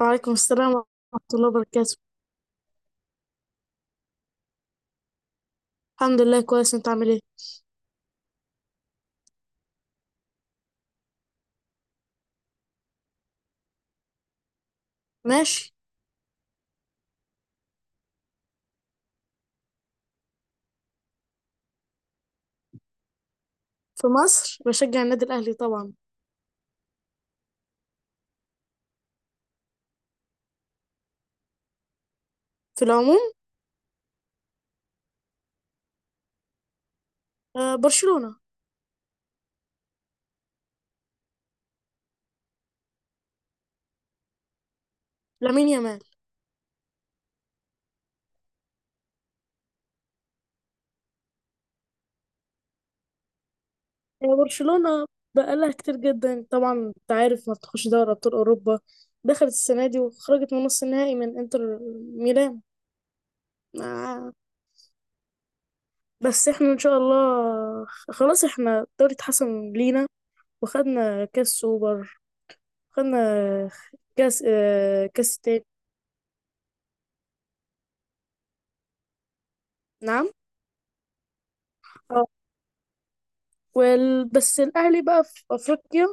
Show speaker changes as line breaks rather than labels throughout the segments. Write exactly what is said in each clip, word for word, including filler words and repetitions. وعليكم السلام ورحمة الله وبركاته. الحمد لله كويس. انت عامل ايه؟ ماشي. في مصر بشجع النادي الأهلي طبعا. في العموم. آه، برشلونة. لامين يامال. آه، برشلونة بقالها كتير جدا، طبعا انت عارف ما بتخش دوري أبطال أوروبا. دخلت السنة دي وخرجت من نص النهائي من انتر ميلان. آه. بس احنا ان شاء الله خلاص، احنا الدوري اتحسن لينا وخدنا كاس سوبر. خدنا كاس آه كاس تاني. نعم. وال... بس الاهلي بقى في افريقيا،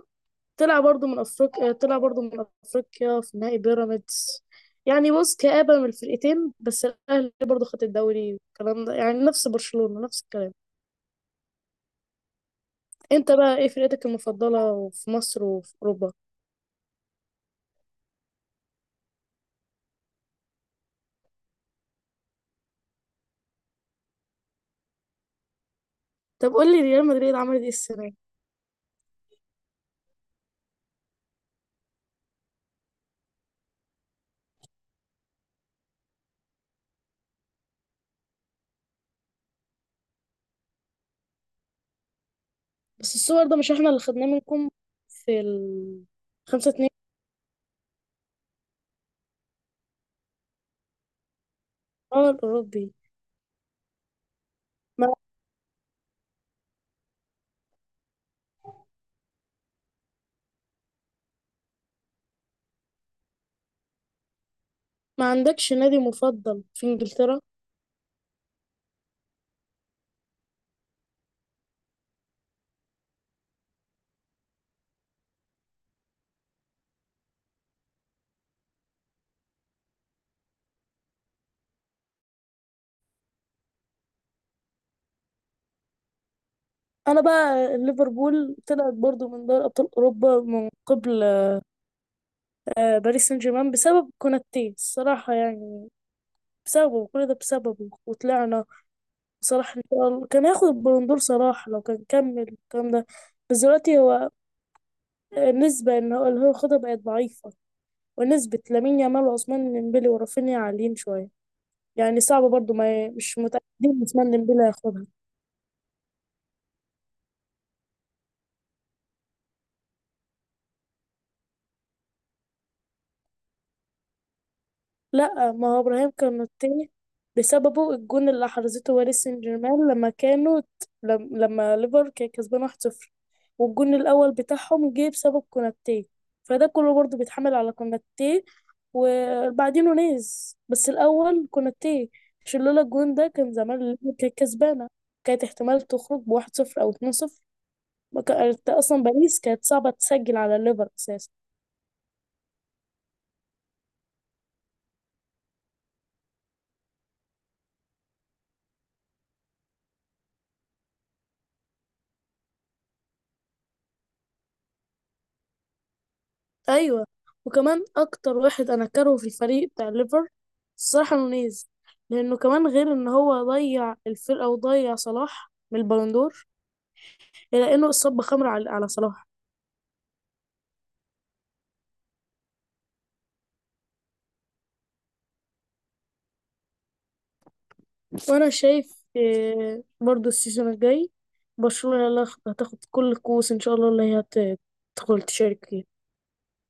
طلع برضو من افريقيا طلع برضو من افريقيا في نهائي بيراميدز. يعني بص، كآبة من الفرقتين. بس الاهلي برضو خد الدوري والكلام ده، يعني نفس برشلونة، نفس الكلام. انت بقى ايه فرقتك المفضلة في مصر وفي اوروبا؟ طب قول لي ريال مدريد عملت ايه السنة دي؟ بس الصور ده مش احنا اللي خدناه منكم في ال خمسة اتنين؟ الاوروبي. ما... ما عندكش نادي مفضل في انجلترا؟ انا بقى ليفربول، طلعت برضو من دوري ابطال اوروبا من قبل. آه، باريس سان جيرمان بسبب كوناتي الصراحه يعني. بسببه، كل ده بسببه، وطلعنا. صلاح ان شاء الله كان هياخد البالون دور، صلاح لو كان كمل الكلام ده. بس دلوقتي هو النسبه ان هو اللي هو ياخدها بقت ضعيفه، ونسبه لامين يامال وعثمان ديمبلي ورافينيا عاليين شويه. يعني صعب برضو، ما مش متاكدين عثمان ديمبلي هياخدها. لا، ما هو ابراهيم كان التاني، بسببه الجون اللي حرزته باريس سان جيرمان لما كانوا. لم- لما ليفر كان كسبان واحد صفر، والجون الاول بتاعهم جه بسبب كوناتي. فده كله برضه بيتحمل على كوناتي وبعدين نونيز، بس الاول كوناتي. عشان لولا الجون ده كان زمان ليفر كانت كسبانه، كانت احتمال تخرج بواحد صفر او اتنين صفر. ما كان- اصلا باريس كانت صعبه تسجل على ليفر اساسا. ايوه. وكمان اكتر واحد انا كارهه في الفريق بتاع الليفر، الصراحه، نونيز. لانه كمان غير ان هو ضيع الفرقه وضيع صلاح من البالندور، الا انه اصاب بخمره على, على صلاح. وانا شايف إيه برضو السيزون الجاي؟ برشلونه هي اللي هتاخ- هتاخد كل الكؤوس ان شاء الله، اللي هي هت- هتدخل تشارك فيها.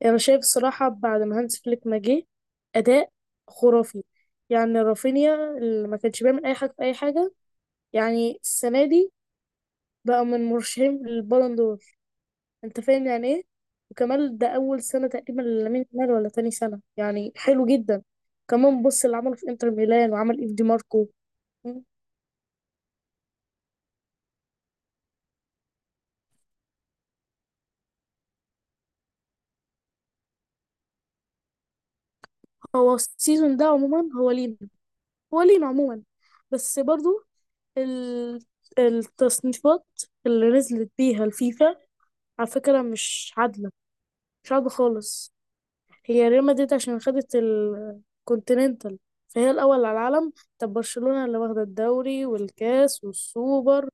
يعني انا شايف الصراحه بعد ما هانز فليك ما جه، اداء خرافي. يعني رافينيا اللي ما كانش بيعمل اي حاجه في اي حاجه، يعني السنه دي بقى من مرشحين للبالون دور. انت فاهم يعني ايه؟ وكمان ده اول سنه تقريبا لامين يامال ولا تاني سنه، يعني حلو جدا. كمان بص اللي عمله في انتر ميلان وعمل ايف دي ماركو. هو السيزون ده عموما هو لينا، هو لينا عموما. بس برضو ال- التصنيفات اللي نزلت بيها الفيفا على فكره مش عادله، مش عادله خالص. هي ريال مدريد عشان خدت الكونتيننتال فهي الأول على العالم. طب برشلونة اللي واخدة الدوري والكاس والسوبر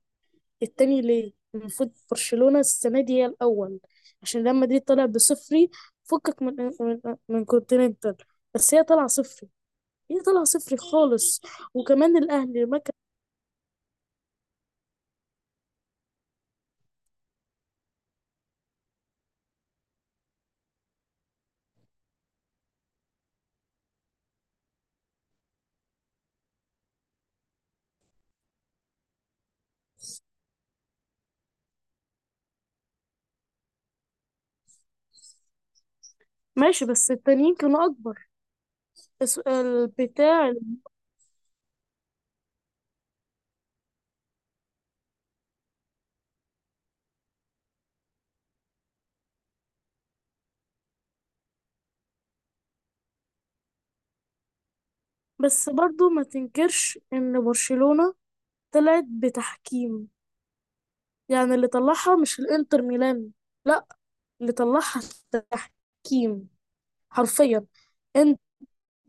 التاني ليه؟ المفروض برشلونة السنة دي هي الأول. عشان ريال مدريد طلع بصفري، فكك من من, من كونتيننتال. بس هي طالعة صفري، هي طالعة صفري خالص. وكمان الأهلي ما كان. ماشي بس التانيين كانوا أكبر، بس البتاع. بس برضو ما تنكرش إن برشلونة طلعت بتحكيم. يعني اللي طلعها مش الانتر ميلان، لا، اللي طلعها التحكيم حرفيا. انت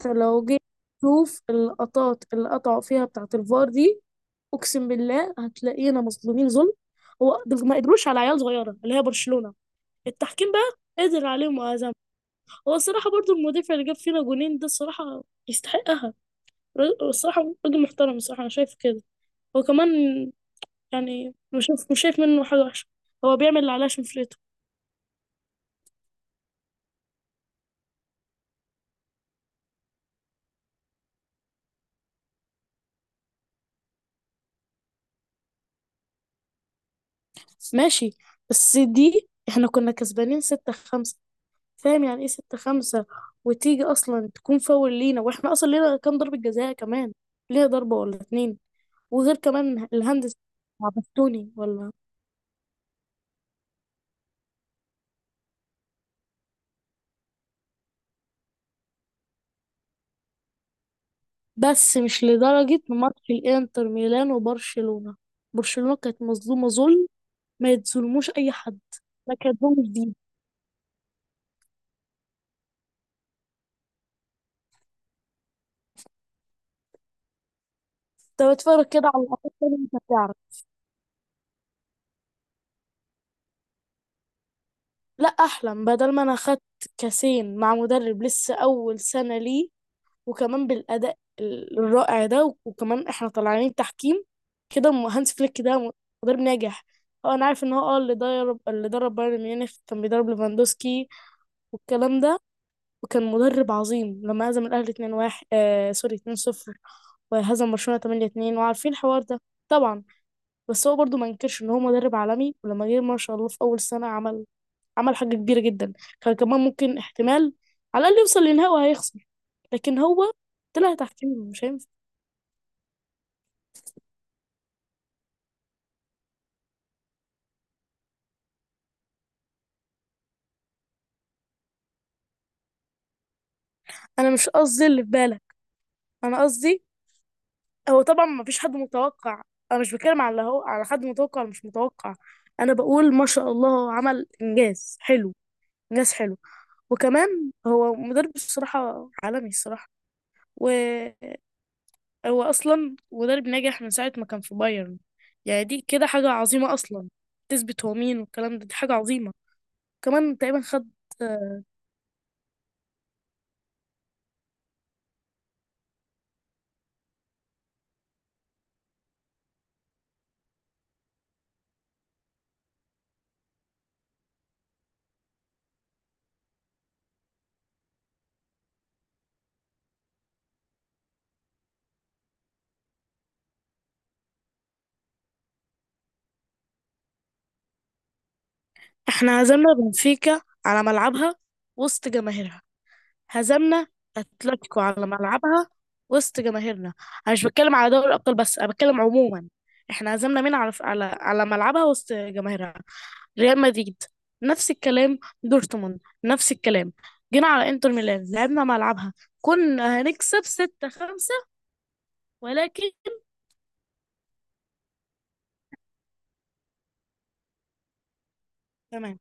لو جيت تشوف اللقطات اللي قطعوا فيها بتاعة الفار دي، اقسم بالله هتلاقينا مظلومين ظلم. هو دول ما قدروش على عيال صغيرة اللي هي برشلونة، التحكيم بقى قدر عليهم وهزم. هو الصراحة برضو المدافع اللي جاب فينا جونين ده، الصراحة يستحقها. ر- الصراحة راجل محترم، الصراحة أنا شايف كده. هو كمان يعني مش شايف مش شايف منه حاجة وحشة، هو بيعمل اللي عليه عشان فرقته. ماشي، بس دي احنا كنا كسبانين ستة خمسة، فاهم يعني ايه ستة خمسة؟ وتيجي اصلا تكون فاول لينا، واحنا اصلا لينا كام ضربة جزاء كمان، لينا ضربة ولا اتنين. وغير كمان الهندس بتاع بستوني ولا. بس مش لدرجة ماتش الانتر ميلان وبرشلونة، برشلونة كانت مظلومة ظلم. ما يتظلموش اي حد، ما كانت ظلم جديد. طب اتفرج كده على الأطفال تاني انت هتعرف. لا، احلم بدل ما انا خدت كاسين مع مدرب لسه اول سنة ليه، وكمان بالأداء الرائع ده، وكمان احنا طالعين تحكيم كده. م- هانس فليك ده مدرب ناجح. اه، انا عارف ان هو اه اللي درب اللي درب بايرن ميونخ، كان بيدرب ليفاندوسكي والكلام ده. وكان مدرب عظيم لما هزم الاهلي اتنين واحد، آه سوري اتنين صفر. وهزم برشلونة تمانية اتنين، وعارفين الحوار ده طبعا. بس هو برضو ما انكرش ان هو مدرب عالمي. ولما جه ما شاء الله في اول سنة، عمل عمل حاجة كبيرة جدا. كان كمان ممكن احتمال على الاقل يوصل لنهائي وهيخسر. لكن هو طلع تحكيم، مش هينفع. انا مش قصدي اللي في بالك، انا قصدي هو طبعا ما فيش حد متوقع. انا مش بتكلم على اللي هو على حد متوقع ولا مش متوقع، انا بقول ما شاء الله هو عمل انجاز حلو، انجاز حلو. وكمان هو مدرب الصراحه عالمي الصراحه، وهو اصلا مدرب ناجح من ساعه ما كان في بايرن. يعني دي كده حاجه عظيمه اصلا، تثبت هو مين والكلام ده، دي حاجه عظيمه كمان تقريبا خد. احنا هزمنا بنفيكا على ملعبها وسط جماهيرها، هزمنا اتلتيكو على ملعبها وسط جماهيرنا. انا مش بتكلم على دوري الابطال بس، انا بتكلم عموما. احنا هزمنا مين على على على ملعبها وسط جماهيرها؟ ريال مدريد، نفس الكلام. دورتموند، نفس الكلام. جينا على انتر ميلان لعبنا ملعبها، كنا هنكسب ستة خمسة، ولكن. تمام.